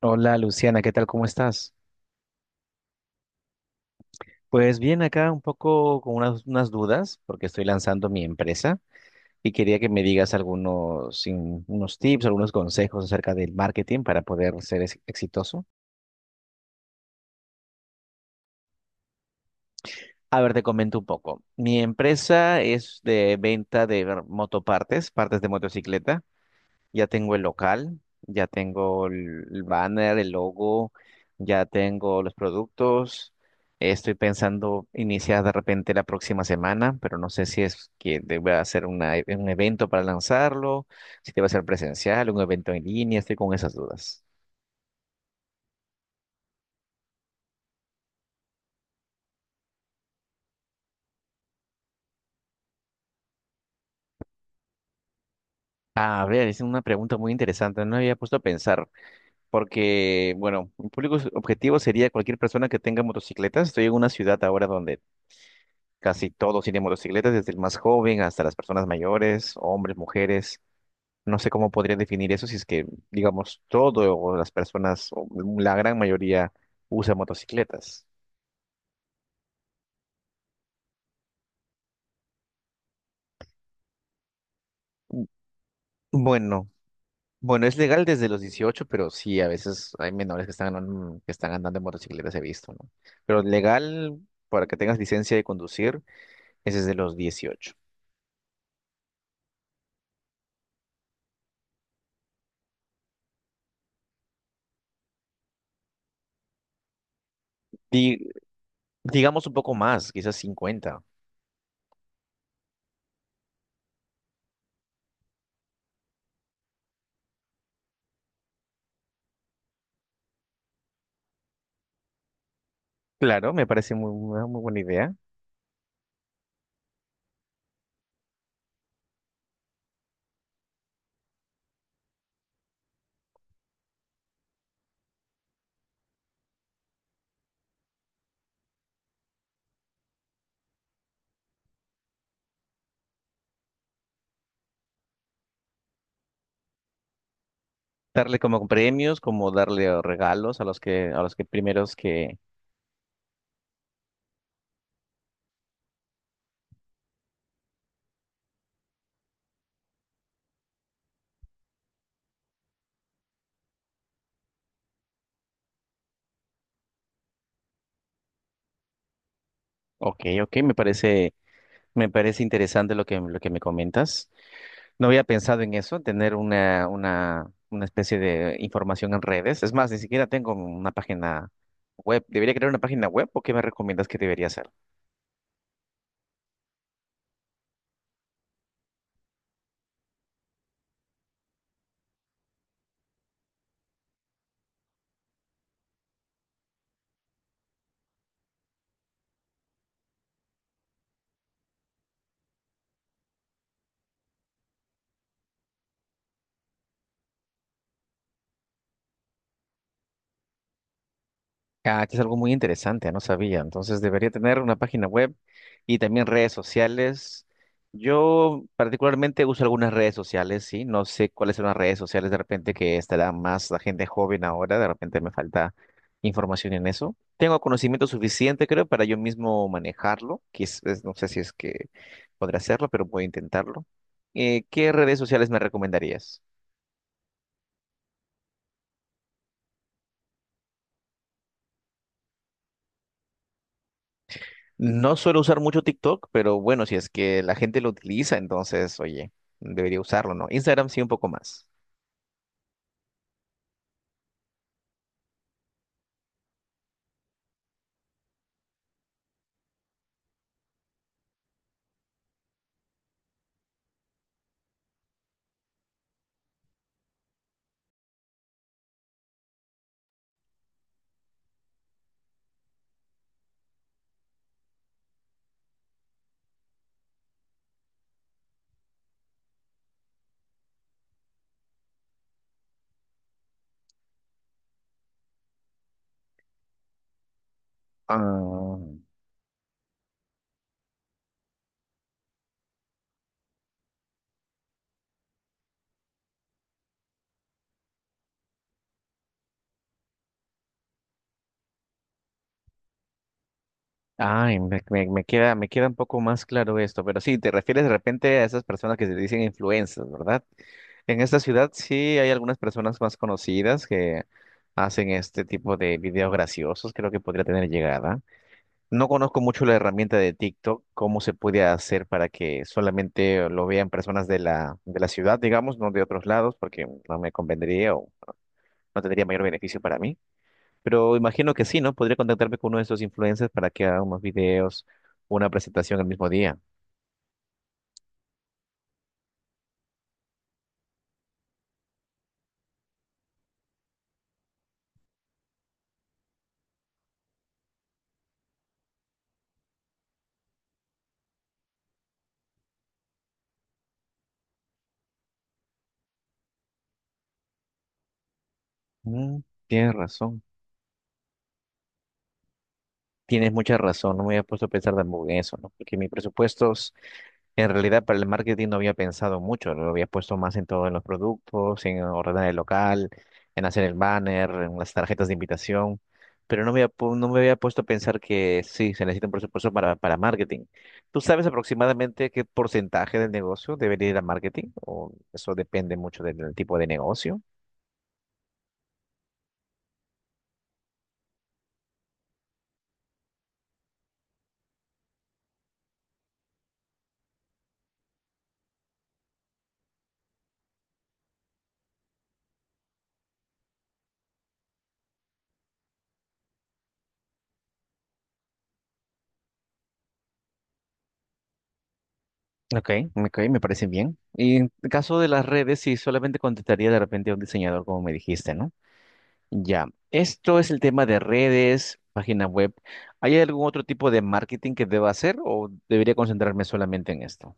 Hola Luciana, ¿qué tal? ¿Cómo estás? Pues bien, acá un poco con unas dudas porque estoy lanzando mi empresa y quería que me digas unos tips, algunos consejos acerca del marketing para poder ser exitoso. A ver, te comento un poco. Mi empresa es de venta de motopartes, partes de motocicleta. Ya tengo el local, ya tengo el banner, el logo, ya tengo los productos. Estoy pensando iniciar de repente la próxima semana, pero no sé si es que deba hacer un evento para lanzarlo, si debe ser presencial, un evento en línea, estoy con esas dudas. A ver, es una pregunta muy interesante, no me había puesto a pensar, porque, bueno, un público objetivo sería cualquier persona que tenga motocicletas. Estoy en una ciudad ahora donde casi todos tienen motocicletas, desde el más joven hasta las personas mayores, hombres, mujeres. No sé cómo podría definir eso si es que, digamos, todo o las personas, o la gran mayoría, usa motocicletas. Bueno, bueno, es legal desde los 18, pero sí, a veces hay menores que que están andando en motocicletas, he visto, ¿no? Pero legal para que tengas licencia de conducir es desde los 18. Di- digamos un poco más, quizás 50. Claro, me parece una muy buena idea. Darle como premios, como darle regalos a los que primeros que, ok, ok, me parece interesante lo que me comentas. No había pensado en eso, tener una especie de información en redes. Es más, ni siquiera tengo una página web. ¿Debería crear una página web o qué me recomiendas que debería hacer? Ah, que es algo muy interesante, no sabía. Entonces debería tener una página web y también redes sociales. Yo particularmente uso algunas redes sociales, sí. No sé cuáles son las redes sociales de repente que estará más la gente joven ahora. De repente me falta información en eso. Tengo conocimiento suficiente, creo, para yo mismo manejarlo. No sé si es que podré hacerlo, pero voy a intentarlo. ¿Qué redes sociales me recomendarías? No suelo usar mucho TikTok, pero bueno, si es que la gente lo utiliza, entonces, oye, debería usarlo, ¿no? Instagram sí un poco más. Ah, ay, me queda un poco más claro esto, pero sí, te refieres de repente a esas personas que se dicen influencers, ¿verdad? En esta ciudad sí hay algunas personas más conocidas que hacen este tipo de videos graciosos, creo que podría tener llegada. No conozco mucho la herramienta de TikTok, cómo se puede hacer para que solamente lo vean personas de la ciudad, digamos, no de otros lados, porque no me convendría o no tendría mayor beneficio para mí. Pero imagino que sí, ¿no? Podría contactarme con uno de esos influencers para que haga unos videos, una presentación el mismo día. Mm, tienes razón. Tienes mucha razón, no me había puesto a pensar tampoco en eso, ¿no? Porque mis presupuestos, en realidad para el marketing no había pensado mucho, lo había puesto más en todo en los productos, en ordenar el local, en hacer el banner, en las tarjetas de invitación, pero no me había puesto a pensar que sí, se necesita un presupuesto para marketing. ¿Tú sabes aproximadamente qué porcentaje del negocio debería ir a marketing? ¿O eso depende mucho del tipo de negocio? Ok, ok, me parece bien. Y en el caso de las redes, sí, solamente contestaría de repente a un diseñador, como me dijiste, ¿no? Ya, esto es el tema de redes, página web. ¿Hay algún otro tipo de marketing que deba hacer o debería concentrarme solamente en esto?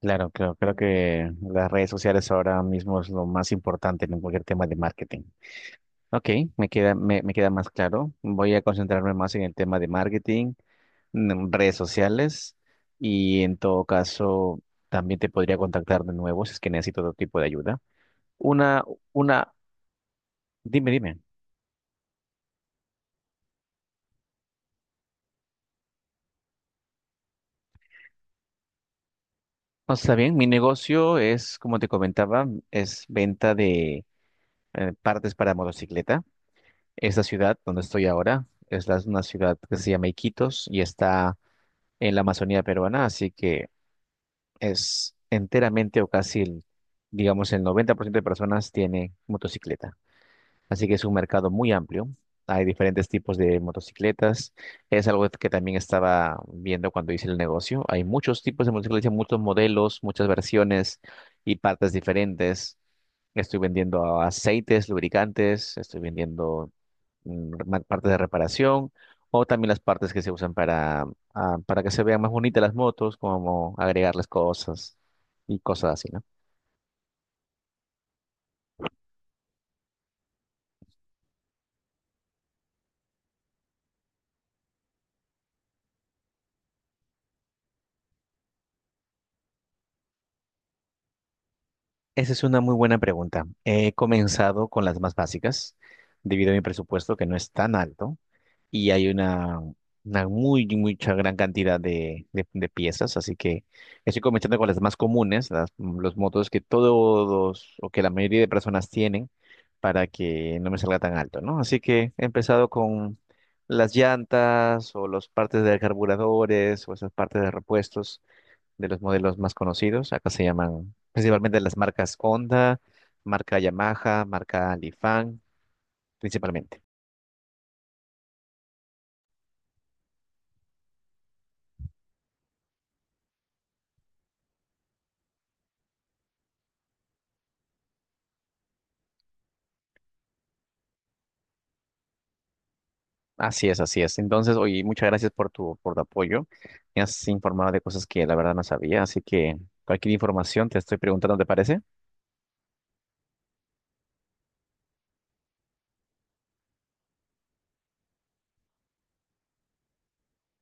Claro, claro, creo que las redes sociales ahora mismo es lo más importante en cualquier tema de marketing. Ok, me queda más claro. Voy a concentrarme más en el tema de marketing, en redes sociales y en todo caso también te podría contactar de nuevo si es que necesito otro tipo de ayuda. Una, una, Dime, dime. No, está bien, mi negocio es, como te comentaba, es venta de partes para motocicleta. Esta ciudad donde estoy ahora una ciudad que se llama Iquitos y está en la Amazonía peruana, así que es enteramente o casi, digamos, el 90% de personas tiene motocicleta. Así que es un mercado muy amplio. Hay diferentes tipos de motocicletas. Es algo que también estaba viendo cuando hice el negocio. Hay muchos tipos de motocicletas, muchos modelos, muchas versiones y partes diferentes. Estoy vendiendo aceites, lubricantes, estoy vendiendo partes de reparación o también las partes que se usan para, ah, para que se vean más bonitas las motos, como agregarles cosas y cosas así, ¿no? Esa es una muy buena pregunta. He comenzado con las más básicas, debido a mi presupuesto que no es tan alto y hay mucha gran cantidad de, de piezas, así que estoy comenzando con las más comunes, los motos que todos o que la mayoría de personas tienen para que no me salga tan alto, ¿no? Así que he empezado con las llantas o las partes de carburadores o esas partes de repuestos de los modelos más conocidos. Acá se llaman principalmente las marcas Honda, marca Yamaha, marca Lifan, principalmente. Así es, así es. Entonces, oye, muchas gracias por por tu apoyo. Me has informado de cosas que la verdad no sabía, así que cualquier información te estoy preguntando, ¿te parece?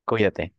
Cuídate.